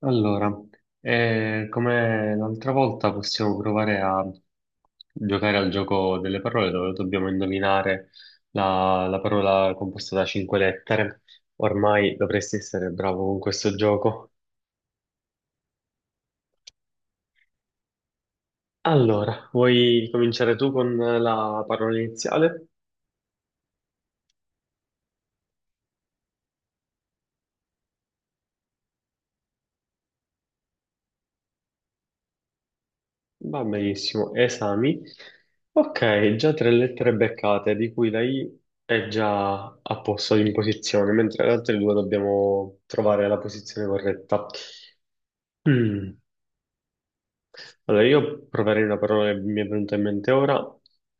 Allora, come l'altra volta possiamo provare a giocare al gioco delle parole dove dobbiamo indovinare la parola composta da cinque lettere. Ormai dovresti essere bravo con questo gioco. Allora, vuoi cominciare tu con la parola iniziale? Va benissimo, esami. Ok, già tre lettere beccate, di cui la I è già a posto in posizione, mentre le altre due dobbiamo trovare la posizione corretta. Mm. Allora, io proverei una parola che mi è venuta in mente ora,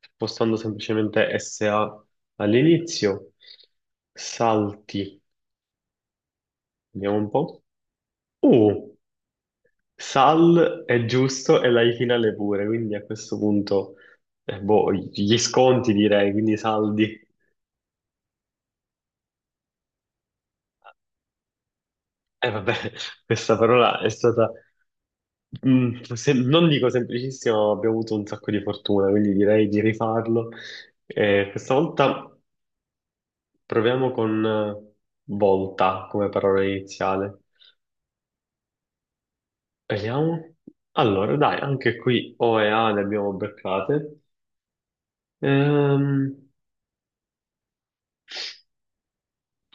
spostando semplicemente SA all'inizio. Salti, vediamo un po'. U. Sal è giusto e la Ifinale pure, quindi a questo punto, boh, gli sconti direi, quindi i saldi. E vabbè, questa parola è stata, non dico semplicissima, ma abbiamo avuto un sacco di fortuna, quindi direi di rifarlo. Questa volta proviamo con volta come parola iniziale. Vediamo. Allora, dai, anche qui O e A le abbiamo beccate. Ehm,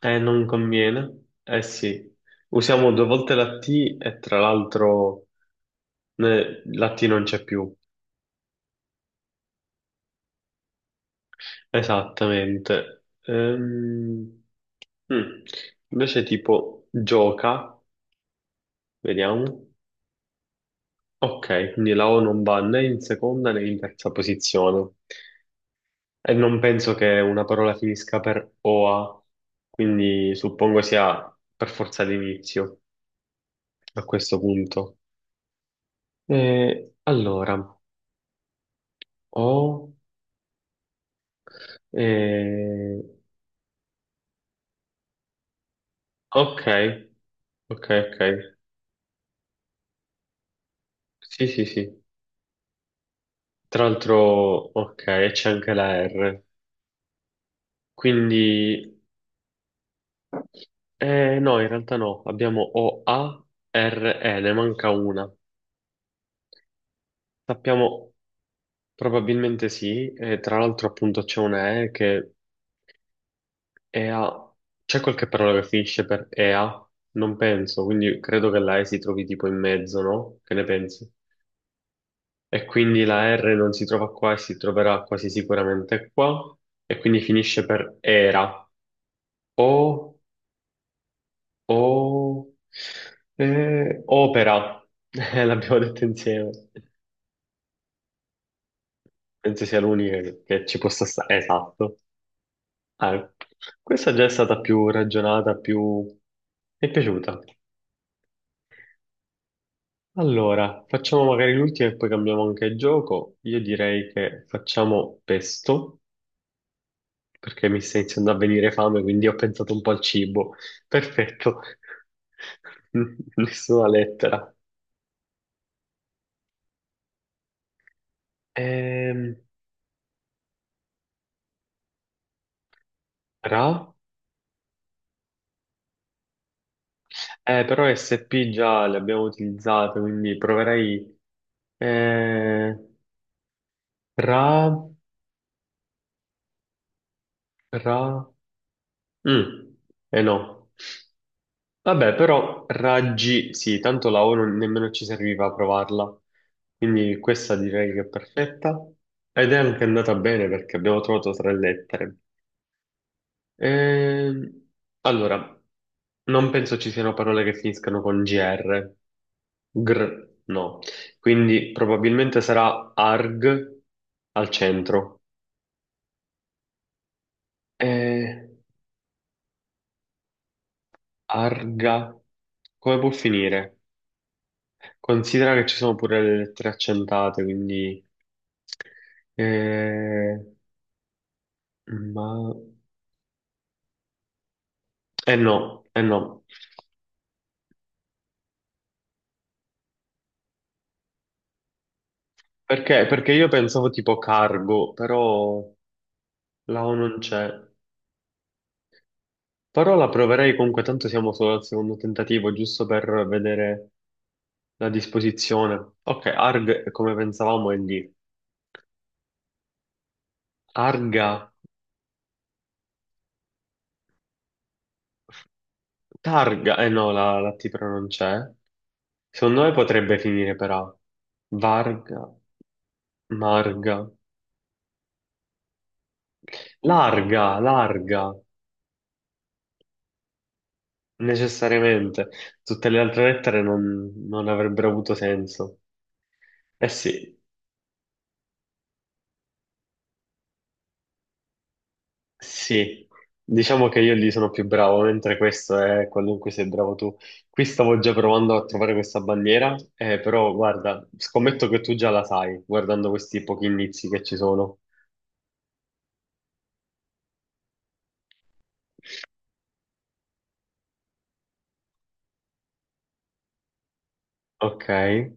Non conviene. Eh sì, usiamo due volte la T e tra l'altro la T non c'è più. Esattamente. Mm. Invece tipo gioca, vediamo. Ok, quindi la O non va né in seconda né in terza posizione. E non penso che una parola finisca per OA, quindi suppongo sia per forza l'inizio a questo punto. Allora, O... Eh, ok, ok. Sì, sì, sì. Tra l'altro, ok, c'è anche la R. Quindi, no, in realtà no. Abbiamo O, A, R, E, ne manca una. Sappiamo, probabilmente sì. E tra l'altro, appunto, c'è una E che è A. C'è qualche parola che finisce per EA? Non penso, quindi credo che la E si trovi tipo in mezzo, no? Che ne pensi? E quindi la R non si trova qua e si troverà quasi sicuramente qua e quindi finisce per era o o opera. L'abbiamo detto insieme. Penso sia l'unica che ci possa stare. Esatto. Ah, questa già è stata più ragionata, più mi è piaciuta. Allora, facciamo magari l'ultima e poi cambiamo anche il gioco. Io direi che facciamo pesto, perché mi sta iniziando a venire fame, quindi ho pensato un po' al cibo. Perfetto. Nessuna lettera. Ehm, Ra? Però SP già le abbiamo utilizzate, quindi proverei... eh, Ra? Ra? Mm, Eh no. Vabbè, però raggi, sì, tanto la O non- nemmeno ci serviva a provarla, quindi questa direi che è perfetta ed è anche andata bene perché abbiamo trovato tre lettere. Ehm, allora, non penso ci siano parole che finiscano con gr, gr, no. Quindi probabilmente sarà arg al centro. Eh, Arga, come può finire? Considera che ci sono pure le lettere accentate, quindi... Eh, ma... Eh no, eh no. Perché? Perché io pensavo tipo cargo, però la O non c'è. Però la proverei comunque, tanto siamo solo al secondo tentativo, giusto per vedere la disposizione. Ok, Arg, come pensavamo, è lì. Arga, Targa, eh no, la T però non c'è. Secondo me potrebbe finire per A. Varga, Marga. Larga, larga, necessariamente. Tutte le altre lettere non avrebbero avuto senso. Eh sì, sì, diciamo che io lì sono più bravo, mentre questo è quello in cui sei bravo tu. Qui stavo già provando a trovare questa bandiera, però guarda, scommetto che tu già la sai, guardando questi pochi indizi che ci sono. Ok.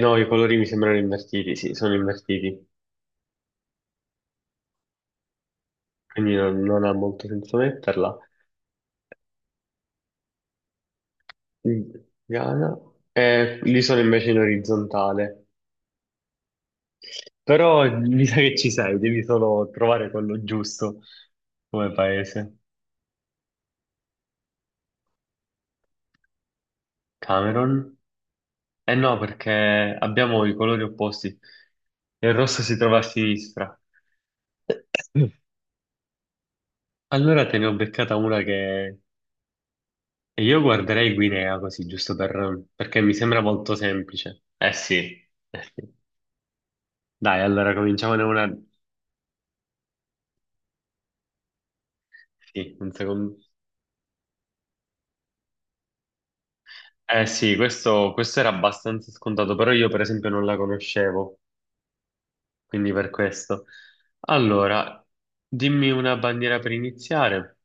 No, i colori mi sembrano invertiti, sì, sono invertiti, quindi non ha molto senso metterla. Ghana. Lì sono invece in orizzontale, però mi sa che ci sei, devi solo trovare quello giusto come paese. Cameron? Eh no, perché abbiamo i colori opposti. Il rosso si trova a sinistra. Allora te ne ho beccata una che... E io guarderei Guinea così, giusto per... perché mi sembra molto semplice. Eh sì, eh sì. Dai, allora cominciamone una... Sì, un secondo. Eh sì, questo era abbastanza scontato, però io per esempio non la conoscevo, quindi per questo. Allora, dimmi una bandiera per iniziare,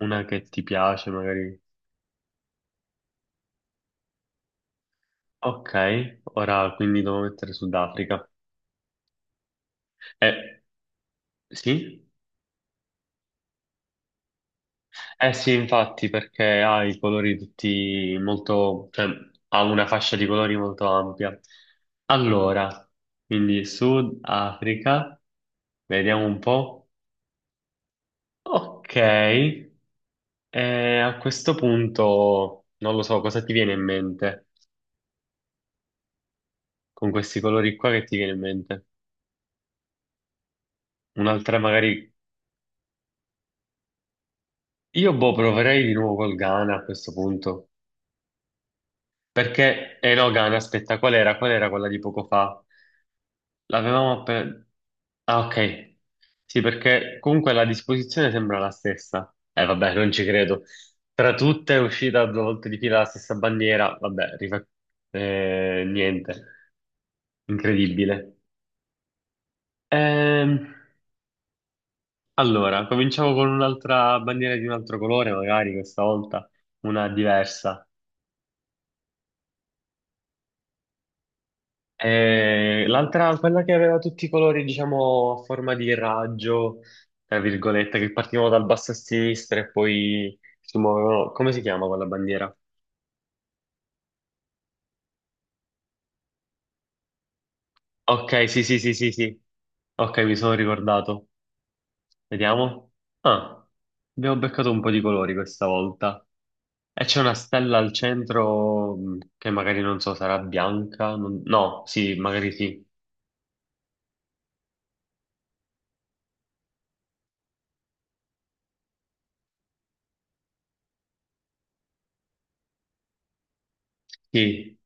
una che ti piace magari. Ok, ora quindi devo mettere Sudafrica. Eh, sì? Eh sì, infatti, perché ha i colori tutti molto, cioè ha una fascia di colori molto ampia. Allora, quindi Sudafrica, vediamo un po'. Ok, a questo punto non lo so cosa ti viene in mente con questi colori qua che ti viene in mente. Un'altra magari, io boh, proverei di nuovo col Ghana a questo punto. Perché eh no, Gane, aspetta, qual era? Qual era quella di poco fa? L'avevamo appena... Ah, ok. Sì, perché comunque la disposizione sembra la stessa. Vabbè, non ci credo. Tra tutte è uscita due volte di fila la stessa bandiera. Niente. Incredibile. Ehm, allora, cominciamo con un'altra bandiera di un altro colore, magari questa volta una diversa. L'altra, quella che aveva tutti i colori, diciamo, a forma di raggio, tra virgolette, che partivano dal basso a sinistra e poi si muovevano. Come si chiama quella bandiera? Ok, sì, sì, sì, sì, sì. Ok, mi sono ricordato. Vediamo. Ah, abbiamo beccato un po' di colori questa volta. E c'è una stella al centro che magari non so, sarà bianca? No, sì, magari sì. Sì.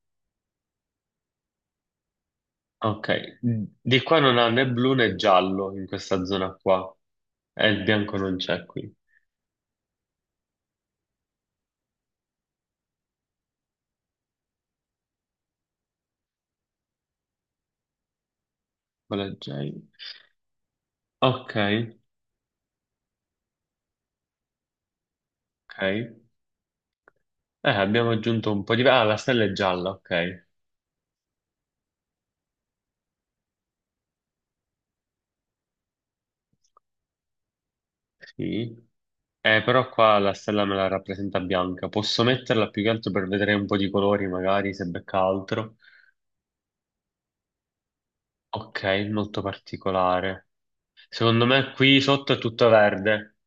Ok, di qua non ha né blu né giallo in questa zona qua. E il bianco non c'è qui. Quella J. Ok, ok. Abbiamo aggiunto un po' di... Ah, la stella è gialla, ok. Sì. Però qua la stella me la rappresenta bianca. Posso metterla più che altro per vedere un po' di colori, magari, se becca altro. Ok, molto particolare. Secondo me qui sotto è tutto verde.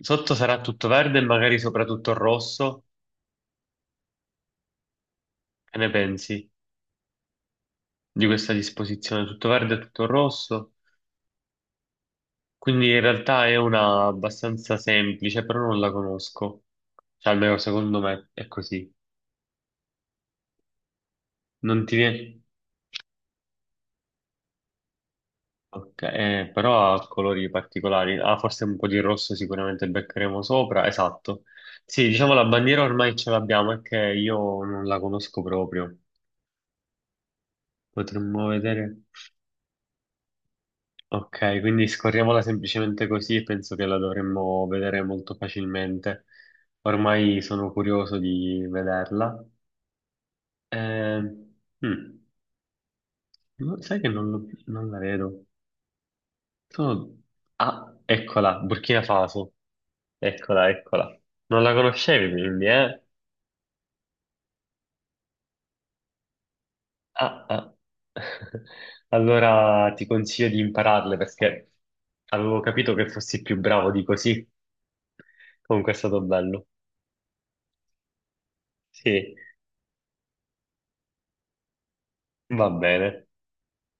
Sotto sarà tutto verde e magari soprattutto rosso. Che ne pensi? Di questa disposizione, tutto verde e tutto rosso, quindi in realtà è una abbastanza semplice, però non la conosco, cioè almeno secondo me è così. Non ti viene... Ok, però ha colori particolari, ah forse un po' di rosso sicuramente beccheremo sopra, esatto. Sì, diciamo la bandiera ormai ce l'abbiamo, è che io non la conosco proprio, potremmo vedere... Ok, quindi scorriamola semplicemente così e penso che la dovremmo vedere molto facilmente. Ormai sono curioso di vederla. Eh, mm, no, sai che non la vedo. Sono- Ah, eccola, Burkina Faso. Eccola, eccola. Non la conoscevi quindi, eh? Ah, ah. Allora ti consiglio di impararle perché avevo capito che fossi più bravo di così. Comunque è stato bello. Sì, va bene.